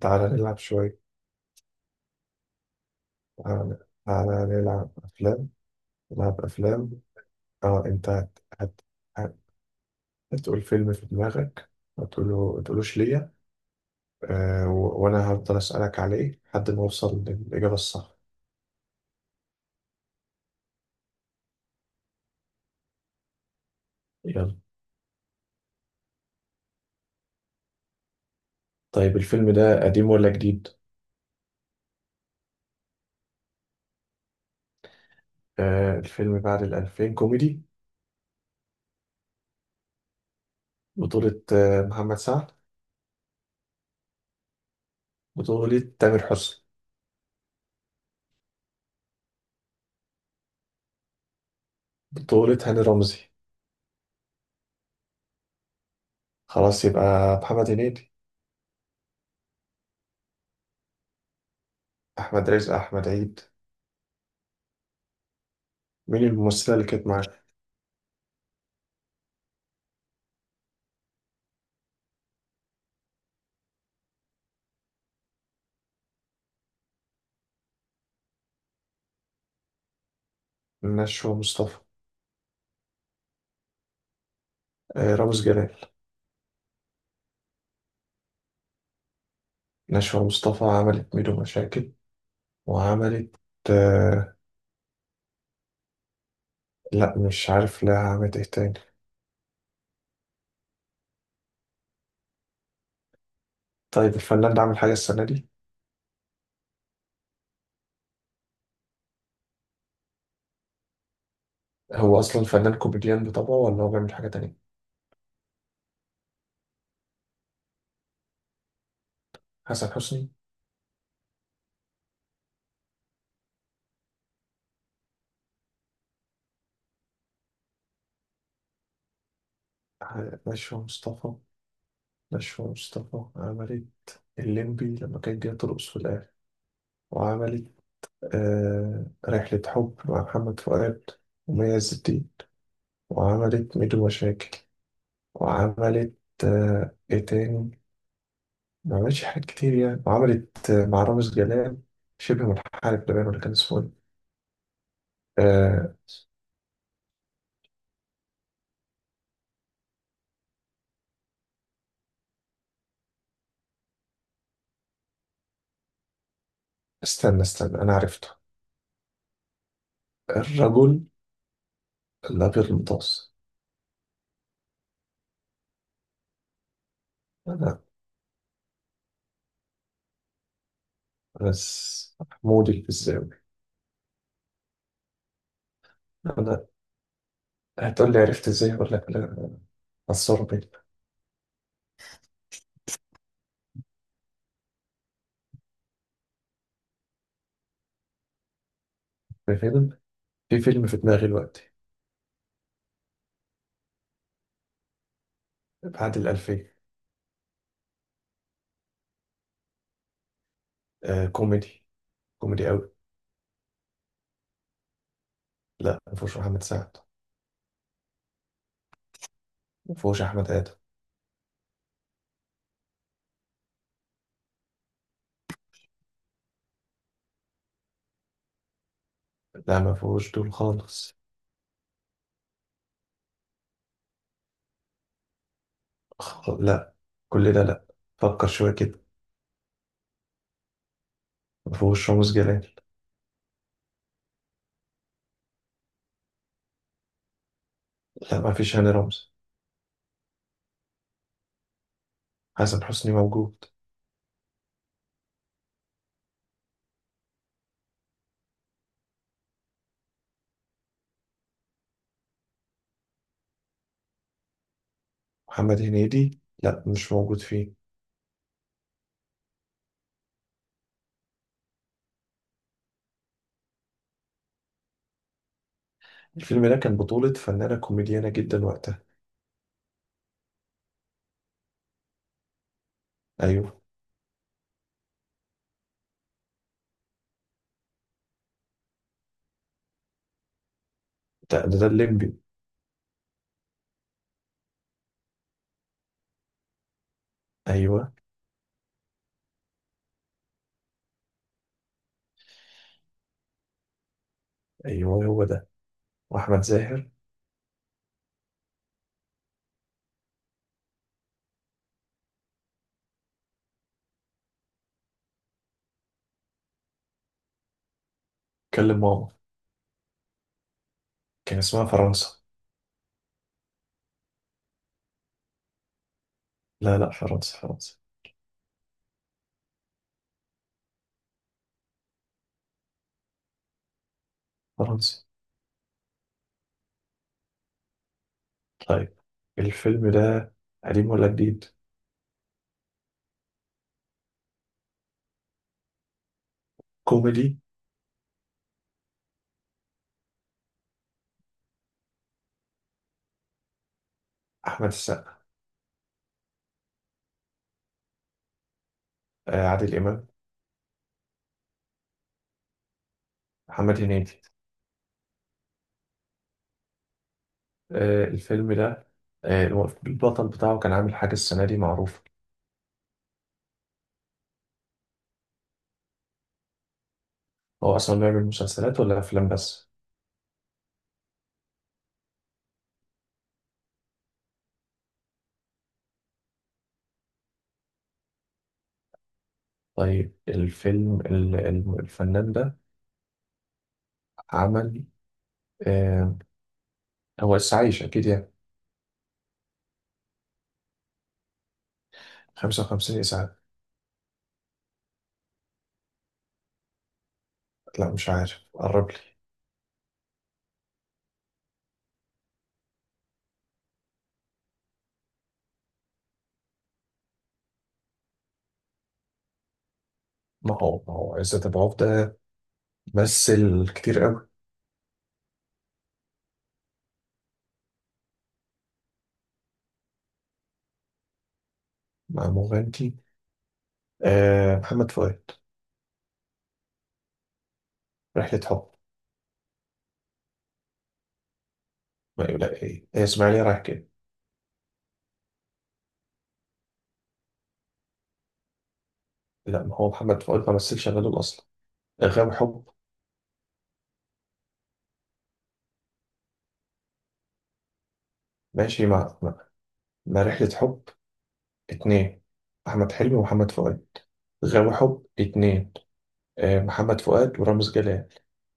تعالى نلعب شوية. تعالى، تعالى نلعب أفلام نلعب أفلام. أنت هت- هتقول فيلم في دماغك، ما تقوله تقولوش ليا. أه و... وأنا هفضل أسألك عليه لحد ما أوصل للإجابة الصح. يلا. طيب الفيلم ده قديم ولا جديد؟ الفيلم بعد الألفين، كوميدي. بطولة محمد سعد. بطولة تامر حسني. بطولة هاني رمزي. خلاص يبقى محمد هنيدي. أحمد رزق، أحمد عيد. مين الممثلة اللي كانت معاه؟ نشوى مصطفى. رامز جلال. نشوى مصطفى عملت ميدو مشاكل، وعملت آه لا مش عارف، لا، عملت ايه تاني؟ طيب الفنان ده عامل حاجة السنة دي؟ هو أصلا فنان كوميديان بطبعه ولا هو بيعمل حاجة تانية؟ حسن حسني. نشوى مصطفى. نشوى مصطفى عملت الليمبي لما كان جاي ترقص في الآخر. وعملت رحلة حب مع محمد فؤاد ومي عز الدين. وعملت ميدو مشاكل. وعملت ايه تاني؟ ما عملتش حاجات كتير يعني. وعملت مع رامز جلال شبه منحرف لبنان، ولا كان اسمه ايه؟ آه، استنى استنى، انا عرفته. الرجل الابيض المتوسط. انا. بس محمود الفيزاوي. انا هتقول لي عرفت ازاي ولا لك لا. اثروا بيا. في فيلم في فيلم في دماغي دلوقتي. بعد الألفية. كوميدي، كوميدي قوي. لا، ما فيهوش محمد سعد. ما فيهوش احمد ادم. لا، ما فيهوش دول خالص. لا، كل ده لا. فكر شويه كده. ما فيهوش رامز جلال. لا، ما فيش هاني رمزي. حسن حسني موجود. محمد هنيدي لا، مش موجود فيه. الفيلم ده كان بطولة فنانة كوميديانة جدا وقتها. أيوه. ده الليمبي. أيوه، أيوه، هو ده. وأحمد زاهر. كلم ماما. كان اسمها فرنسا. لا لا، فرنسا، فرنسا، فرنسا. طيب الفيلم ده قديم ولا جديد؟ كوميدي. أحمد السقا. عادل إمام. محمد هنيدي. الفيلم ده. آه البطل بتاعه كان عامل حاجة السنة دي معروفة؟ هو أصلا بيعمل مسلسلات ولا أفلام بس؟ طيب الفيلم الفنان ده عمل آه هو عايش أكيد يعني؟ 55 إسعاف. لا مش عارف، قرب لي. ما هو عزت أبو عوف ده مثل كتير قوي. مع مغنتي. محمد فؤاد؟ رحلة حب؟ ما لا، إيه هي، إسماعيلية رايح كده. لا، ما هو محمد فؤاد ما مثلش غيره أصلا. غاوي حب. ماشي، مع رحلة حب اتنين، أحمد حلمي ومحمد فؤاد. غاوي حب اتنين، محمد فؤاد ورامز جلال.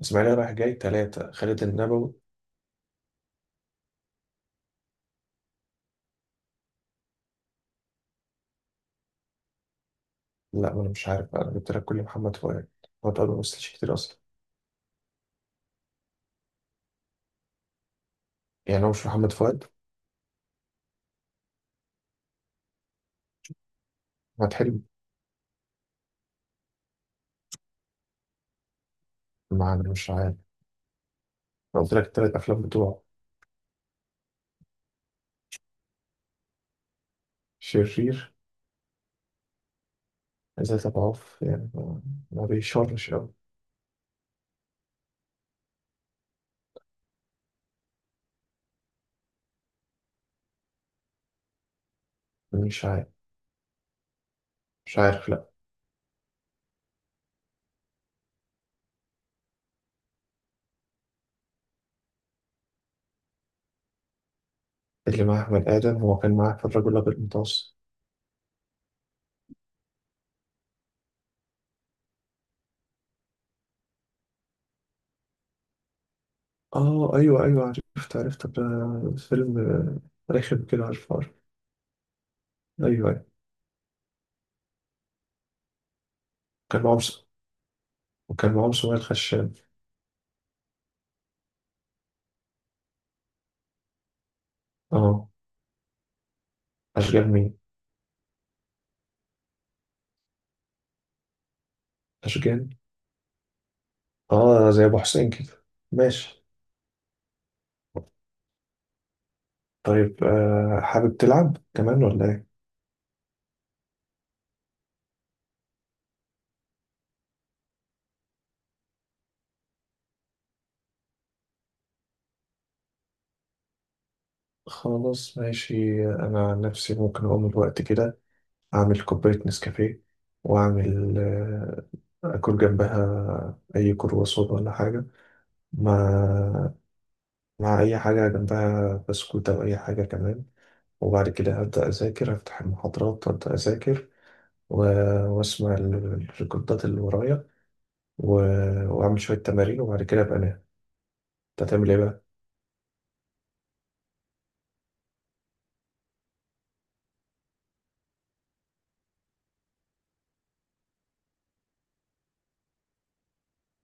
اسماعيليه رايح جاي ثلاثة خالد النبوي. لا، ما انا مش عارف بقى، انا جبت لك كل محمد فؤاد. محمد فؤاد ما مثلش كتير اصلا. يعني هو مش محمد فؤاد؟ احمد حلمي. ما انا مش عارف. انا قلت لك الثلاث افلام بتوعه. شرير. ذات اضعاف يعني، ما بيشرش قوي. مش عارف. مش عارف، لا. اللي مع احمد ادم هو كان معاه في الرجل الابيض المتوسط. اه، ايوه ايوه، عرفت عرفت ده. فيلم رخم كده، عارف عارف. ايوه ايوه. كان معاهم وكان معاهم سؤال خشاب. اه. أشجان مين؟ أشجان؟ زي أبو حسين كده. ماشي. طيب حابب تلعب كمان ولا إيه؟ خلاص ماشي. أنا عن نفسي ممكن أقوم الوقت كده، أعمل كوباية نسكافيه، وأعمل أكل جنبها أي كرواسون ولا حاجة، مع مع أي حاجة جنبها بسكوت أو أي حاجة كمان. وبعد كده هبدأ أذاكر، أفتح المحاضرات وأبدأ أذاكر، و- وأسمع الريكوردات اللي ورايا، و... واعمل شويه تمارين، وبعد كده ابقى انام. انت هتعمل ايه بقى؟